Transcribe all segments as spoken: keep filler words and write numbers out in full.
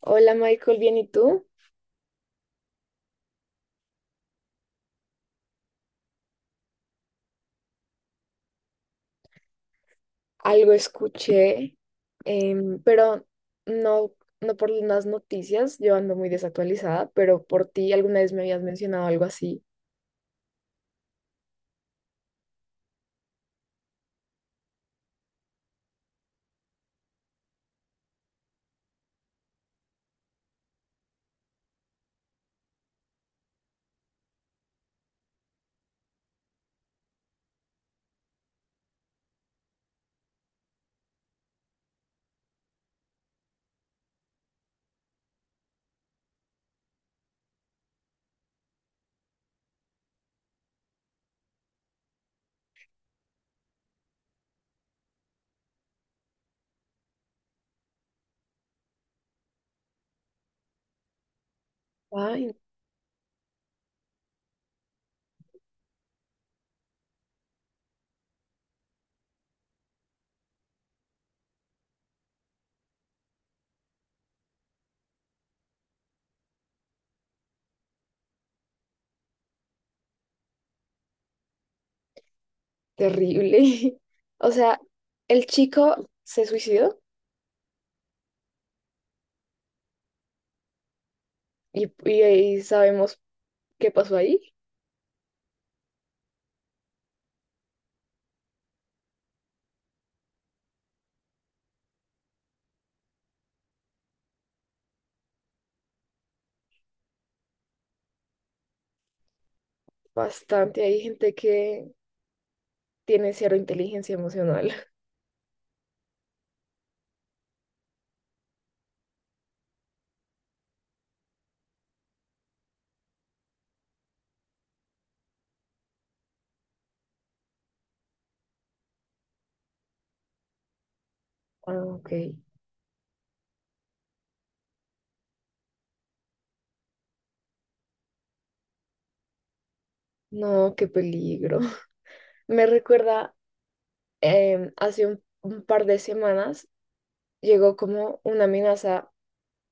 Hola Michael, bien, ¿y tú? Algo escuché, em, pero no, no por las noticias, yo ando muy desactualizada, pero por ti alguna vez me habías mencionado algo así. Ay, terrible. O sea, el chico se suicidó y, y, ahí sabemos qué pasó ahí. Bastante, hay gente que tiene cero inteligencia emocional. Ah, ok. No, qué peligro. Me recuerda em, hace un un par de semanas. Llegó como una amenaza,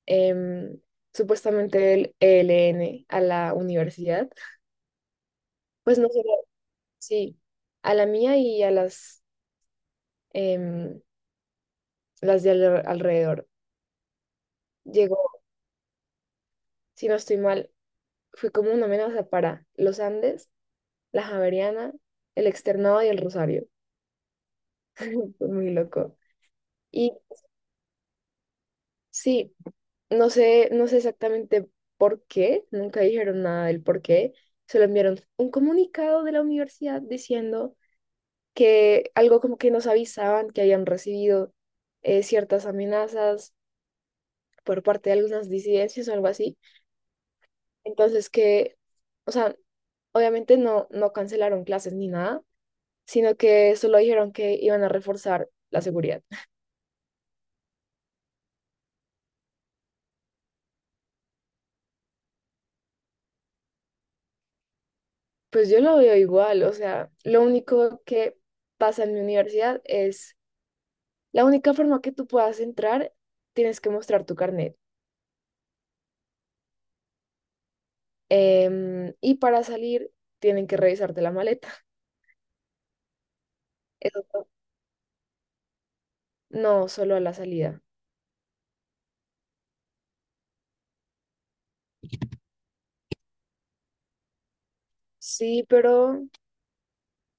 em, supuestamente del E L N a la universidad, pues no solo, sí, a la mía y a las, em, las de al- alrededor. Llegó, si no estoy mal, fue como una amenaza para los Andes, la Javeriana, el Externado y el Rosario. Fue muy loco. Y sí, no sé, no sé exactamente por qué, nunca dijeron nada del por qué. Solo enviaron un comunicado de la universidad diciendo que algo como que nos avisaban que habían recibido eh, ciertas amenazas por parte de algunas disidencias o algo así. Entonces que, o sea, obviamente no, no cancelaron clases ni nada, sino que solo dijeron que iban a reforzar la seguridad. Pues yo lo veo igual, o sea, lo único que pasa en mi universidad es, la única forma que tú puedas entrar, tienes que mostrar tu carnet. Em, y para salir, tienen que revisarte la maleta. Eso no, solo a la salida. Sí, pero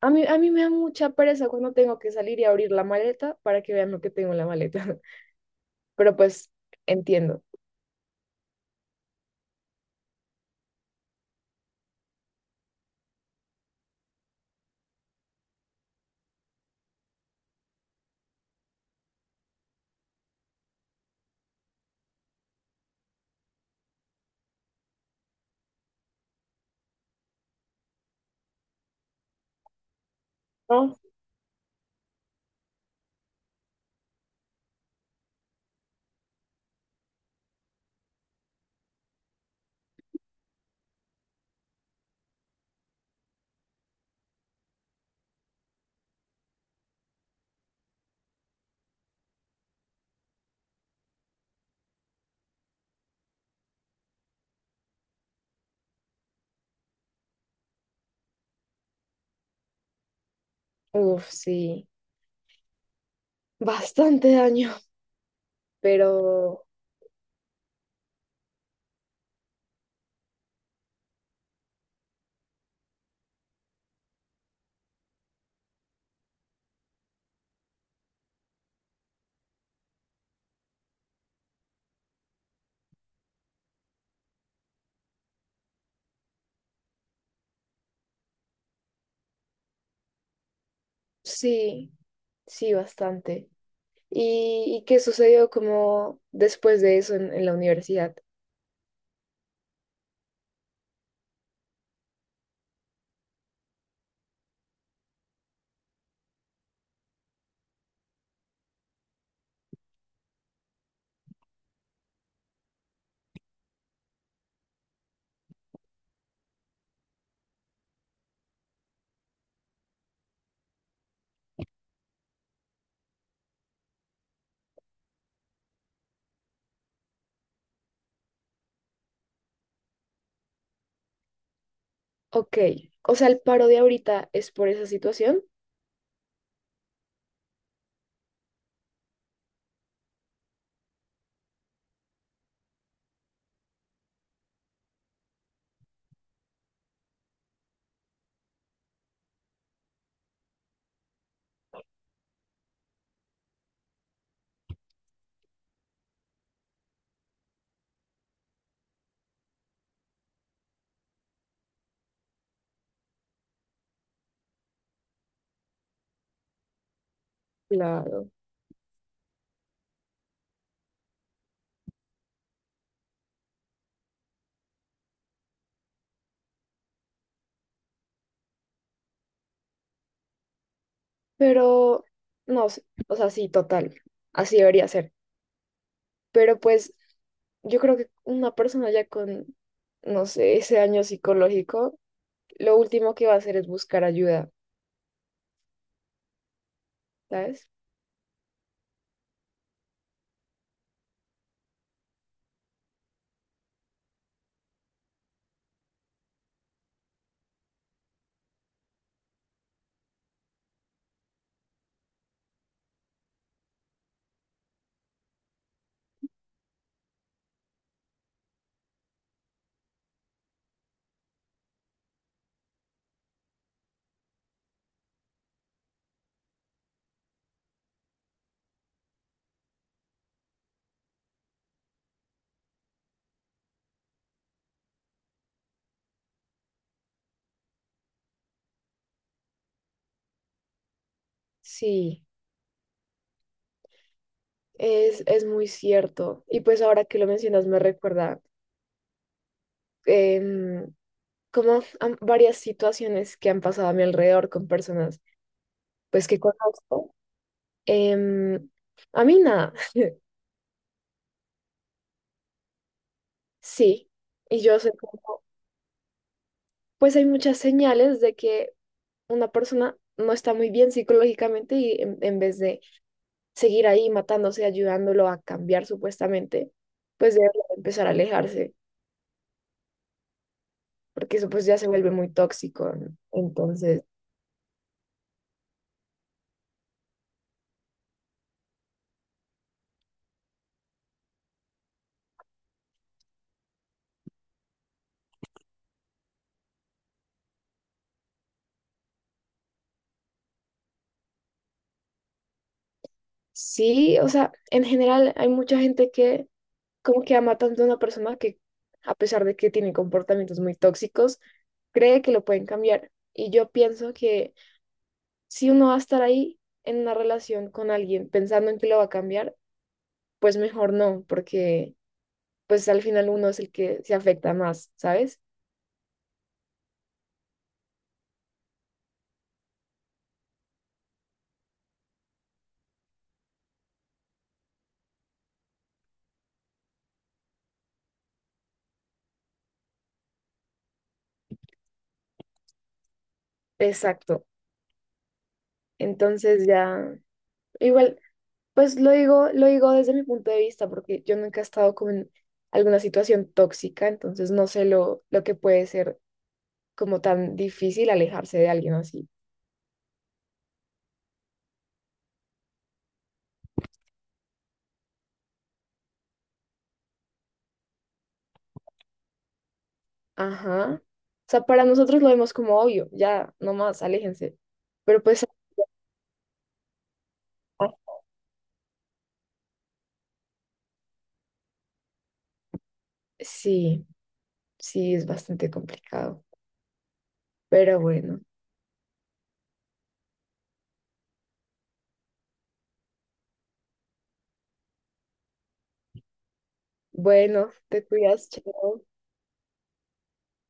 a mí, a mí me da mucha pereza cuando tengo que salir y abrir la maleta para que vean lo que tengo en la maleta. Pero pues entiendo, ¿no? Uf, sí, bastante daño, pero sí, sí, bastante. ¿Y, y qué sucedió como después de eso en, en la universidad? Ok, o sea, el paro de ahorita es por esa situación. Claro. Pero, no, sé, o sea, sí, total, así debería ser. Pero pues yo creo que una persona ya con, no sé, ese daño psicológico, lo último que va a hacer es buscar ayuda, ¿sabes? Sí, es, es muy cierto. Y pues ahora que lo mencionas me recuerda em, como a varias situaciones que han pasado a mi alrededor con personas pues que conozco. Em, a mí nada, sí. Y yo sé, como, pues hay muchas señales de que una persona no está muy bien psicológicamente y en en vez de seguir ahí matándose, ayudándolo a cambiar supuestamente, pues debe empezar a alejarse, porque eso pues ya se vuelve muy tóxico, ¿no? Entonces, sí, o sea, en general hay mucha gente que como que ama tanto a una persona que a pesar de que tiene comportamientos muy tóxicos, cree que lo pueden cambiar. Y yo pienso que si uno va a estar ahí en una relación con alguien pensando en que lo va a cambiar, pues mejor no, porque pues al final uno es el que se afecta más, ¿sabes? Exacto. Entonces ya, igual, pues lo digo, lo digo desde mi punto de vista, porque yo nunca he estado como en alguna situación tóxica, entonces no sé lo, lo que puede ser como tan difícil alejarse de alguien así. Ajá. O sea, para nosotros lo vemos como obvio, ya, nomás, aléjense. Pero pues ah, sí, sí, es bastante complicado. Pero bueno, bueno, te cuidas, chao.